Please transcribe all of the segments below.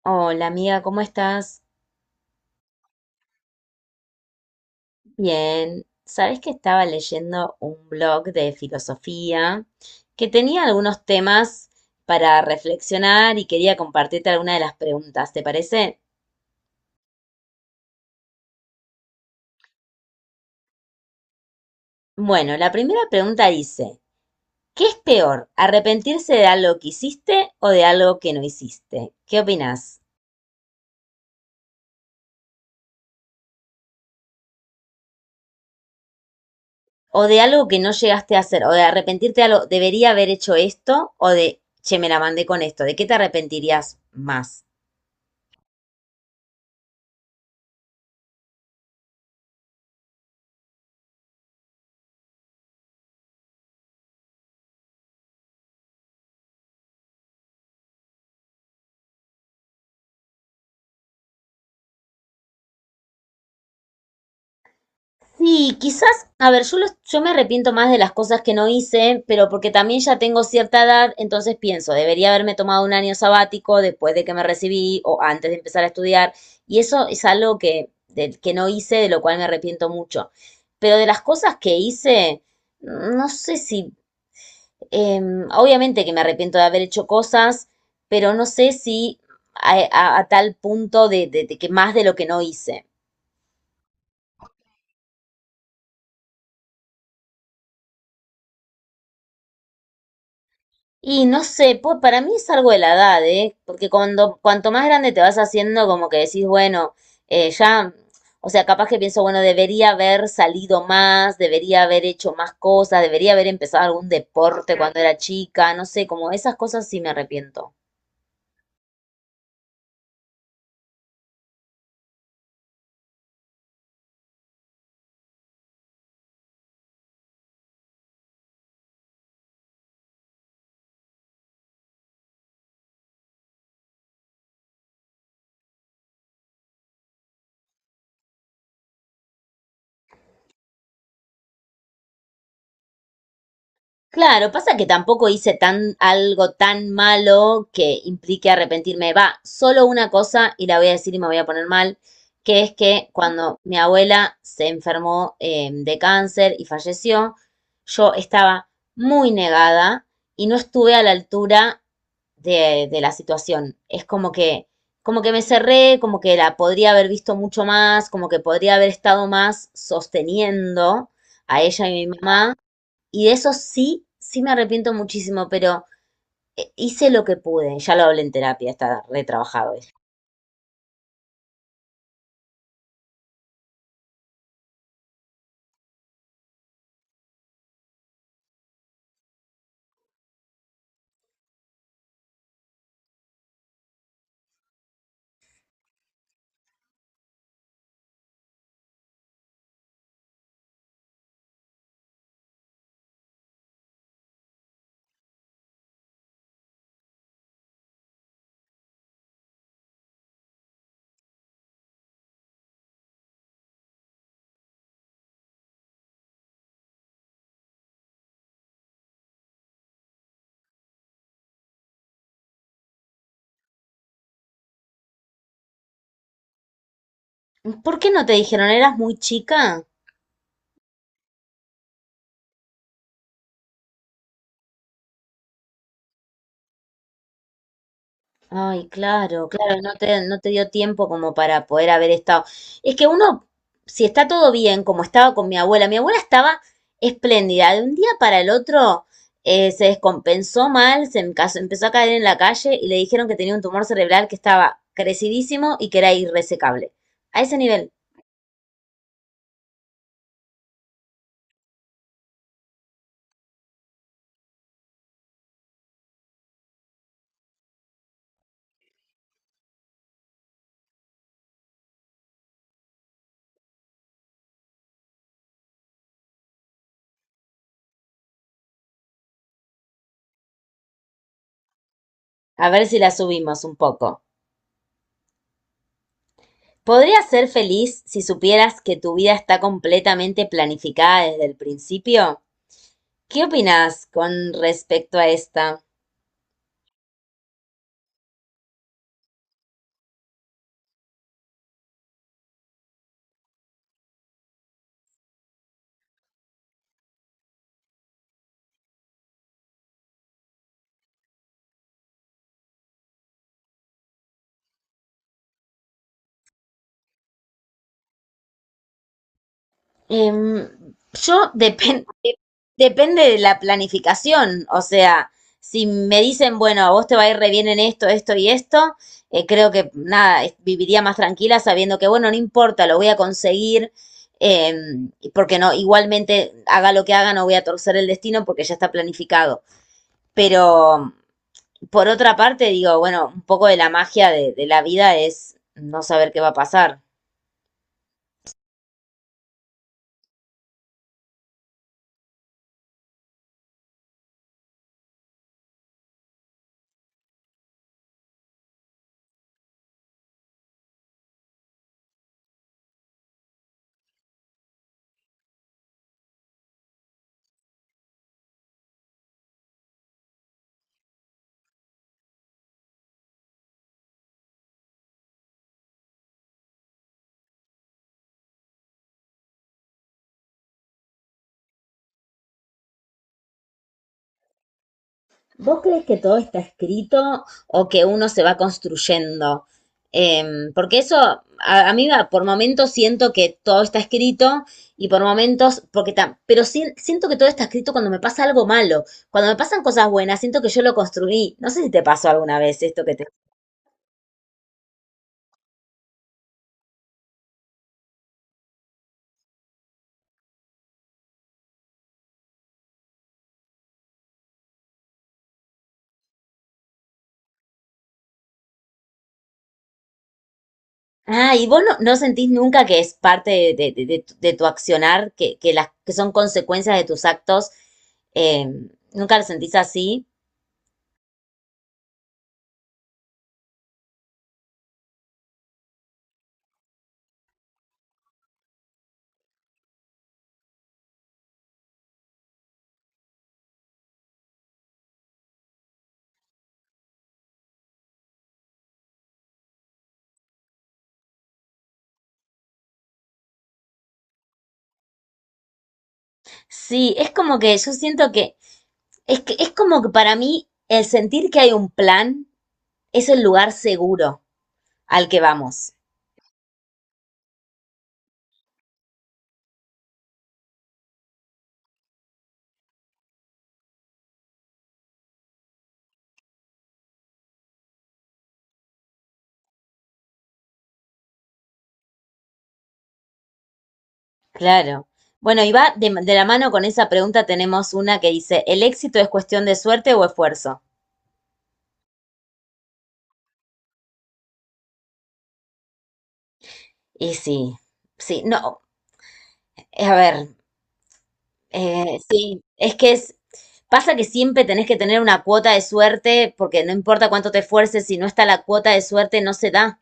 Hola amiga, ¿cómo estás? Bien. Sabes que estaba leyendo un blog de filosofía que tenía algunos temas para reflexionar y quería compartirte alguna de las preguntas, ¿te parece? Bueno, la primera pregunta dice, ¿qué es peor, arrepentirse de algo que hiciste o de algo que no hiciste? ¿Qué opinas? ¿O de algo que no llegaste a hacer? ¿O de arrepentirte de algo, debería haber hecho esto? ¿O de, che, me la mandé con esto? ¿De qué te arrepentirías más? Sí, quizás, a ver, yo, yo me arrepiento más de las cosas que no hice, pero porque también ya tengo cierta edad, entonces pienso, debería haberme tomado un año sabático después de que me recibí o antes de empezar a estudiar, y eso es algo que, del que no hice, de lo cual me arrepiento mucho. Pero de las cosas que hice, no sé si, obviamente que me arrepiento de haber hecho cosas, pero no sé si a tal punto de que más de lo que no hice. Y no sé, pues para mí es algo de la edad, ¿eh? Porque cuando, cuanto más grande te vas haciendo, como que decís, bueno, ya, o sea, capaz que pienso, bueno, debería haber salido más, debería haber hecho más cosas, debería haber empezado algún deporte cuando era chica, no sé, como esas cosas sí me arrepiento. Claro, pasa que tampoco hice tan, algo tan malo que implique arrepentirme. Va, solo una cosa, y la voy a decir y me voy a poner mal, que es que cuando mi abuela se enfermó de cáncer y falleció, yo estaba muy negada y no estuve a la altura de la situación. Es como que me cerré, como que la podría haber visto mucho más, como que podría haber estado más sosteniendo a ella y a mi mamá. Y de eso sí, sí me arrepiento muchísimo, pero hice lo que pude. Ya lo hablé en terapia, está retrabajado eso. ¿Por qué no te dijeron? ¿Eras muy chica? Ay, claro, claro, no te, no te dio tiempo como para poder haber estado. Es que uno, si está todo bien, como estaba con mi abuela estaba espléndida. De un día para el otro se descompensó mal, empezó a caer en la calle y le dijeron que tenía un tumor cerebral que estaba crecidísimo y que era irresecable. A ese nivel. A ver si la subimos un poco. ¿Podrías ser feliz si supieras que tu vida está completamente planificada desde el principio? ¿Qué opinas con respecto a esta? Em, yo depende, depende de la planificación, o sea, si me dicen, bueno, a vos te va a ir re bien en esto, esto y esto, creo que nada, es- viviría más tranquila sabiendo que, bueno, no importa, lo voy a conseguir, porque no, igualmente haga lo que haga, no voy a torcer el destino porque ya está planificado. Pero por otra parte, digo, bueno, un poco de la magia de la vida es no saber qué va a pasar. ¿Vos crees que todo está escrito o que uno se va construyendo? Porque eso, a mí va- por momentos siento que todo está escrito y por momentos, porque tam- pero sí- siento que todo está escrito cuando me pasa algo malo. Cuando me pasan cosas buenas, siento que yo lo construí. No sé si te pasó alguna vez esto que te... Ah, y vos no, no sentís nunca que es parte de, de tu accionar, que las, que son consecuencias de tus actos. ¿Nunca lo sentís así? Sí, es como que yo siento que es que es como que para mí el sentir que hay un plan es el lugar seguro al que vamos. Claro. Bueno, y va de la mano con esa pregunta tenemos una que dice, ¿el éxito es cuestión de suerte o esfuerzo? Y sí, sí, no, a ver, sí, es que es, pasa que siempre tenés que tener una cuota de suerte porque no importa cuánto te esfuerces, si no está la cuota de suerte no se da.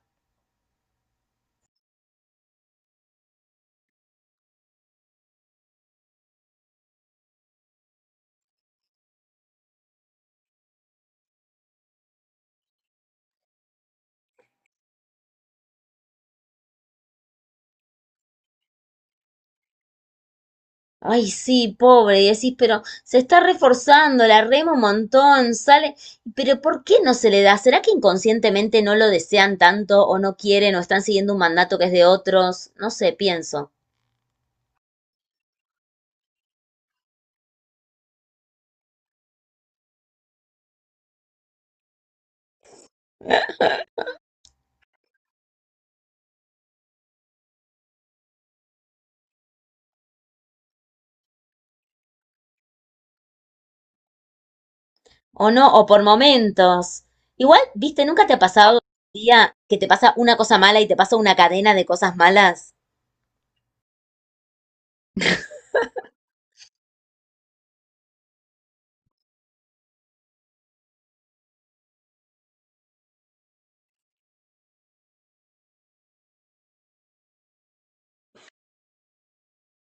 Ay, sí, pobre, y decís, pero se está reforzando, la rema un montón, sale, pero ¿por qué no se le da? ¿Será que inconscientemente no lo desean tanto o no quieren o están siguiendo un mandato que es de otros? No sé, pienso. O no, o por momentos. Igual, viste, ¿nunca te ha pasado un día que te pasa una cosa mala y te pasa una cadena de cosas malas?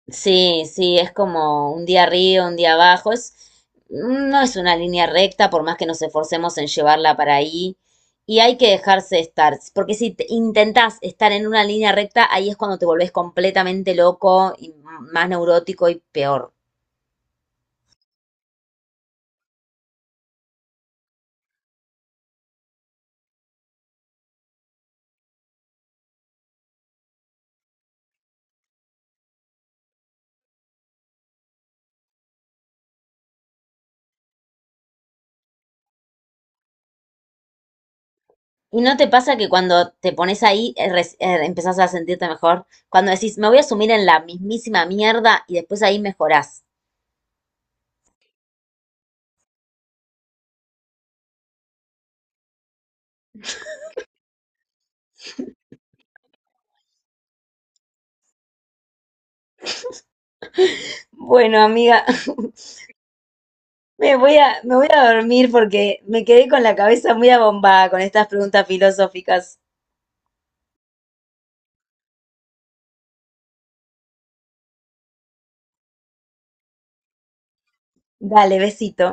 Sí, sí, es como un día arriba, un día abajo. Es, no es una línea recta, por más que nos esforcemos en llevarla para ahí. Y hay que dejarse estar, porque si te- intentás estar en una línea recta, ahí es cuando te volvés completamente loco y m- más neurótico y peor. ¿Y no te pasa que cuando te pones ahí res- empezás a sentirte mejor? Cuando decís, me voy a sumir en la mismísima mierda y después ahí mejorás. Bueno, amiga, me voy a, me voy a dormir porque me quedé con la cabeza muy abombada con estas preguntas filosóficas. Dale, besito.